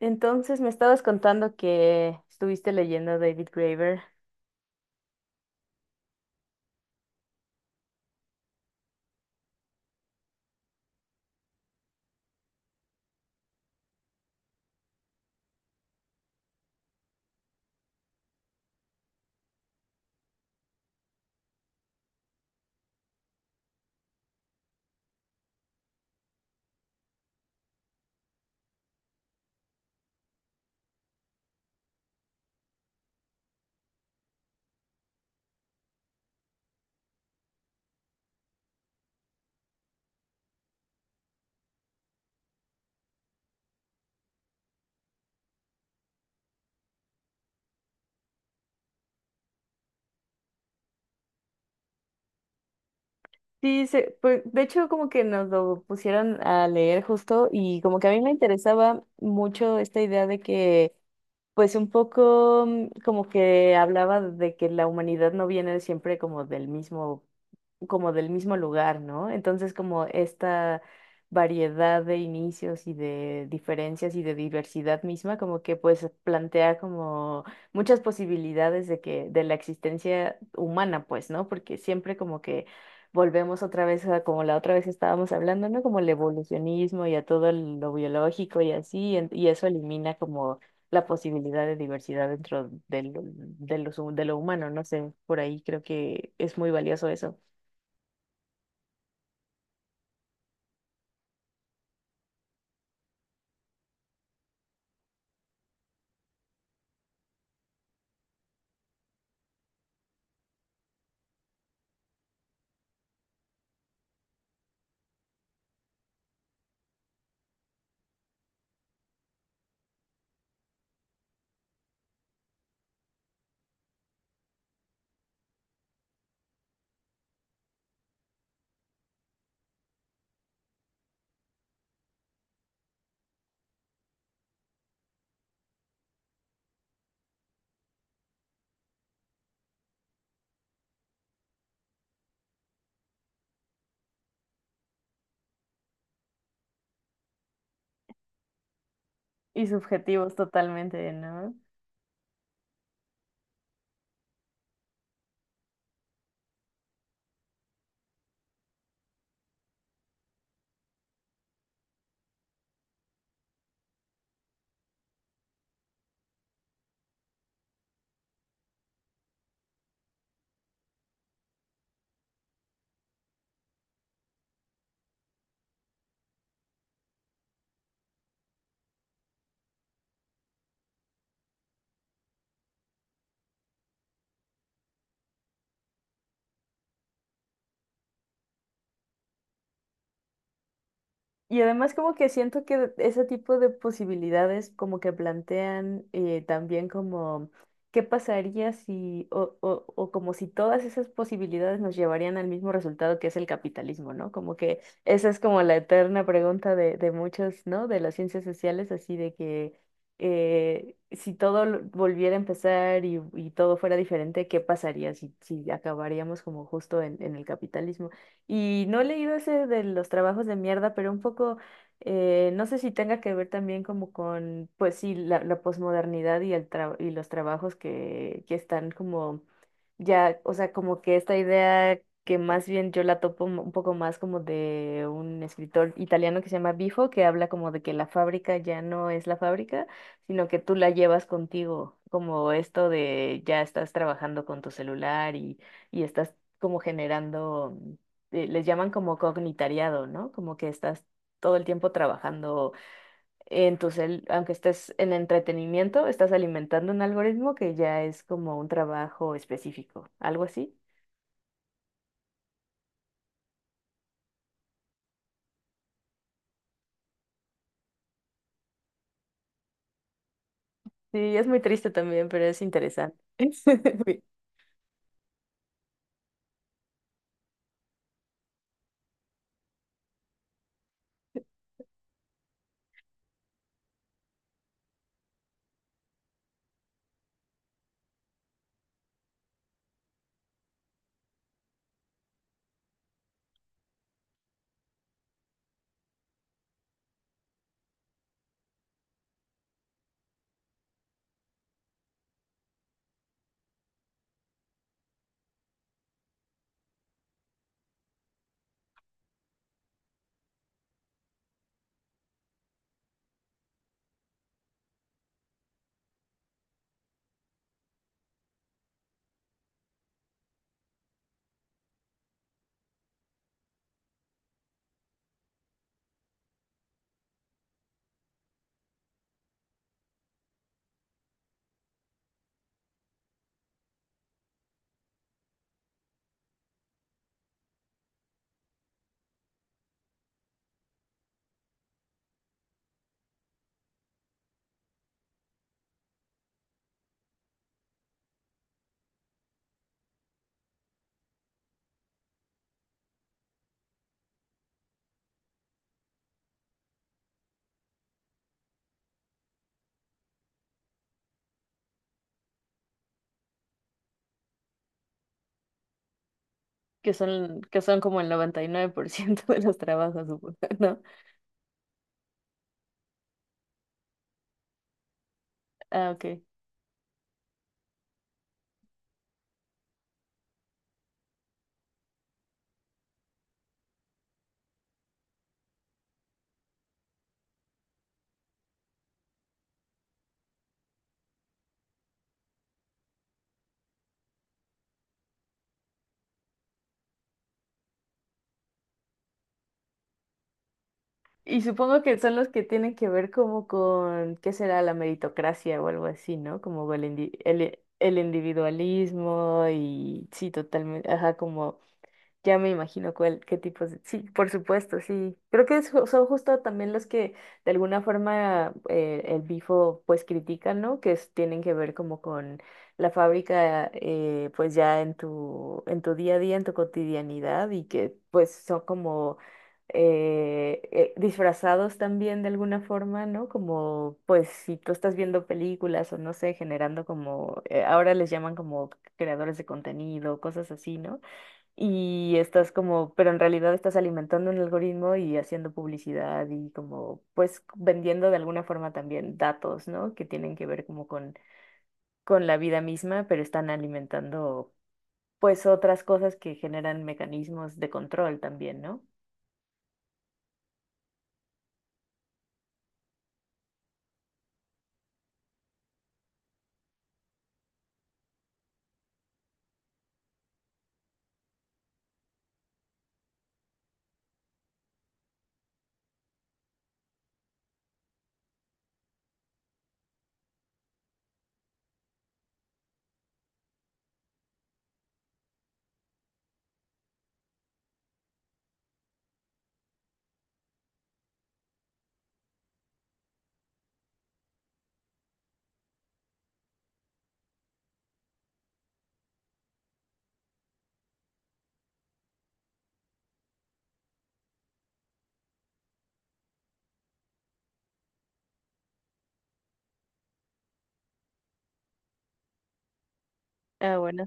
Entonces me estabas contando que estuviste leyendo a David Graeber. Pues, de hecho, como que nos lo pusieron a leer justo y como que a mí me interesaba mucho esta idea de que pues un poco, como que hablaba de que la humanidad no viene siempre como del mismo lugar, ¿no? Entonces, como esta variedad de inicios y de diferencias y de diversidad misma, como que pues plantea como muchas posibilidades de que, de la existencia humana, pues, ¿no? Porque siempre como que volvemos otra vez a como la otra vez estábamos hablando, ¿no? Como el evolucionismo y a todo lo biológico y así, y eso elimina como la posibilidad de diversidad dentro de lo, de los de lo humano, no sé, por ahí creo que es muy valioso eso. Y subjetivos totalmente, ¿no? Y además como que siento que ese tipo de posibilidades como que plantean, también como qué pasaría si o, o como si todas esas posibilidades nos llevarían al mismo resultado, que es el capitalismo, ¿no? Como que esa es como la eterna pregunta de muchos, ¿no? De las ciencias sociales, así de que si todo volviera a empezar y todo fuera diferente, ¿qué pasaría si, si acabaríamos como justo en el capitalismo? Y no he leído ese de los trabajos de mierda, pero un poco, no sé si tenga que ver también como con, pues sí, la posmodernidad y, y los trabajos que están como ya, o sea, como que esta idea, que más bien yo la topo un poco más como de un escritor italiano que se llama Bifo, que habla como de que la fábrica ya no es la fábrica, sino que tú la llevas contigo, como esto de ya estás trabajando con tu celular y estás como generando, les llaman como cognitariado, ¿no? Como que estás todo el tiempo trabajando en tu cel, aunque estés en entretenimiento, estás alimentando un algoritmo que ya es como un trabajo específico, algo así. Sí, es muy triste también, pero es interesante. Que son como el 99% de los trabajos, supongo, ¿no? Ah, ok. Y supongo que son los que tienen que ver como con, ¿qué será? La meritocracia o algo así, ¿no? Como el, el individualismo y sí, totalmente, ajá, como ya me imagino cuál, qué tipos de... Sí, por supuesto, sí. Creo que es son justo también los que de alguna forma, el Bifo pues critica, ¿no? Tienen que ver como con la fábrica, pues ya en tu día a día, en tu cotidianidad y que pues son como disfrazados también de alguna forma, ¿no? Como pues si tú estás viendo películas o no sé, generando como, ahora les llaman como creadores de contenido, cosas así, ¿no? Y estás como, pero en realidad estás alimentando un algoritmo y haciendo publicidad y como, pues vendiendo de alguna forma también datos, ¿no? Que tienen que ver como con la vida misma, pero están alimentando pues otras cosas que generan mecanismos de control también, ¿no? Ah, bueno.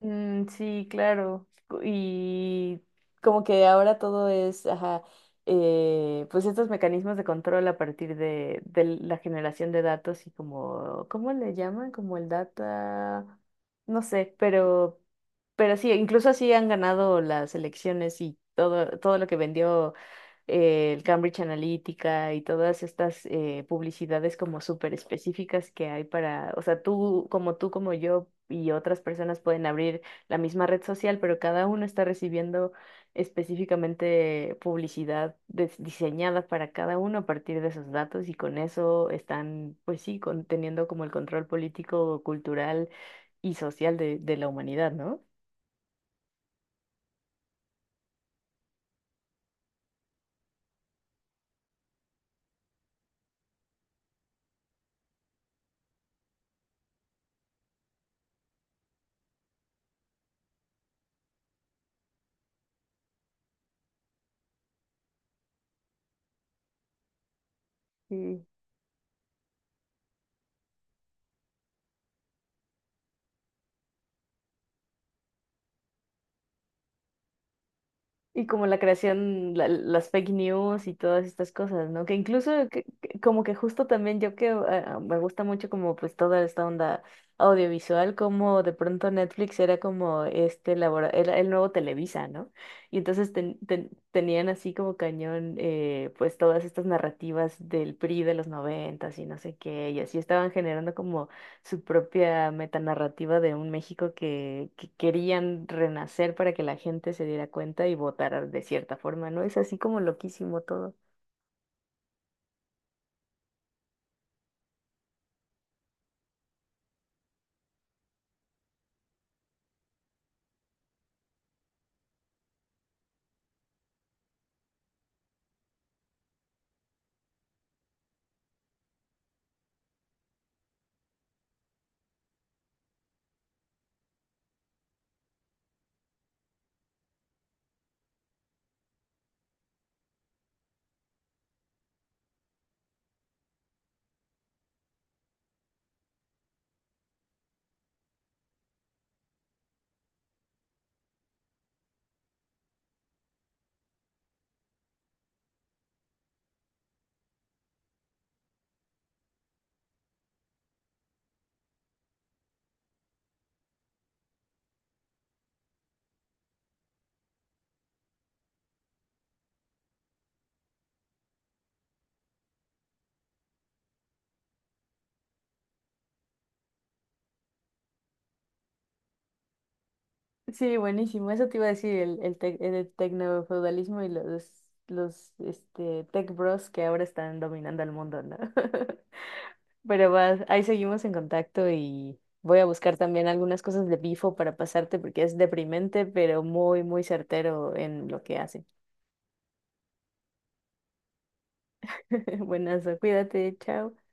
Sí, claro. Y como que ahora todo es, ajá, pues estos mecanismos de control a partir de la generación de datos y como, ¿cómo le llaman? Como el data, no sé, pero sí, incluso así han ganado las elecciones y todo, todo lo que vendió, el Cambridge Analytica y todas estas, publicidades como súper específicas que hay para, o sea, tú, como yo y otras personas pueden abrir la misma red social, pero cada uno está recibiendo específicamente publicidad diseñada para cada uno a partir de esos datos y con eso están, pues sí, teniendo como el control político, cultural y social de la humanidad, ¿no? Y como la creación, las fake news y todas estas cosas, ¿no? Que incluso como que justo también yo que me gusta mucho como pues toda esta onda audiovisual, como de pronto Netflix era como este era el nuevo Televisa, ¿no? Y entonces tenían así como cañón, pues todas estas narrativas del PRI de los noventas y no sé qué, y así estaban generando como su propia metanarrativa de un México que querían renacer para que la gente se diera cuenta y votara de cierta forma, ¿no? Es así como loquísimo todo. Sí, buenísimo. Eso te iba a decir, el, el tecnofeudalismo y los este, tech bros que ahora están dominando el mundo, ¿no? Pero va, ahí seguimos en contacto y voy a buscar también algunas cosas de Bifo para pasarte porque es deprimente, pero muy, muy certero en lo que hace. Buenas, cuídate, chao.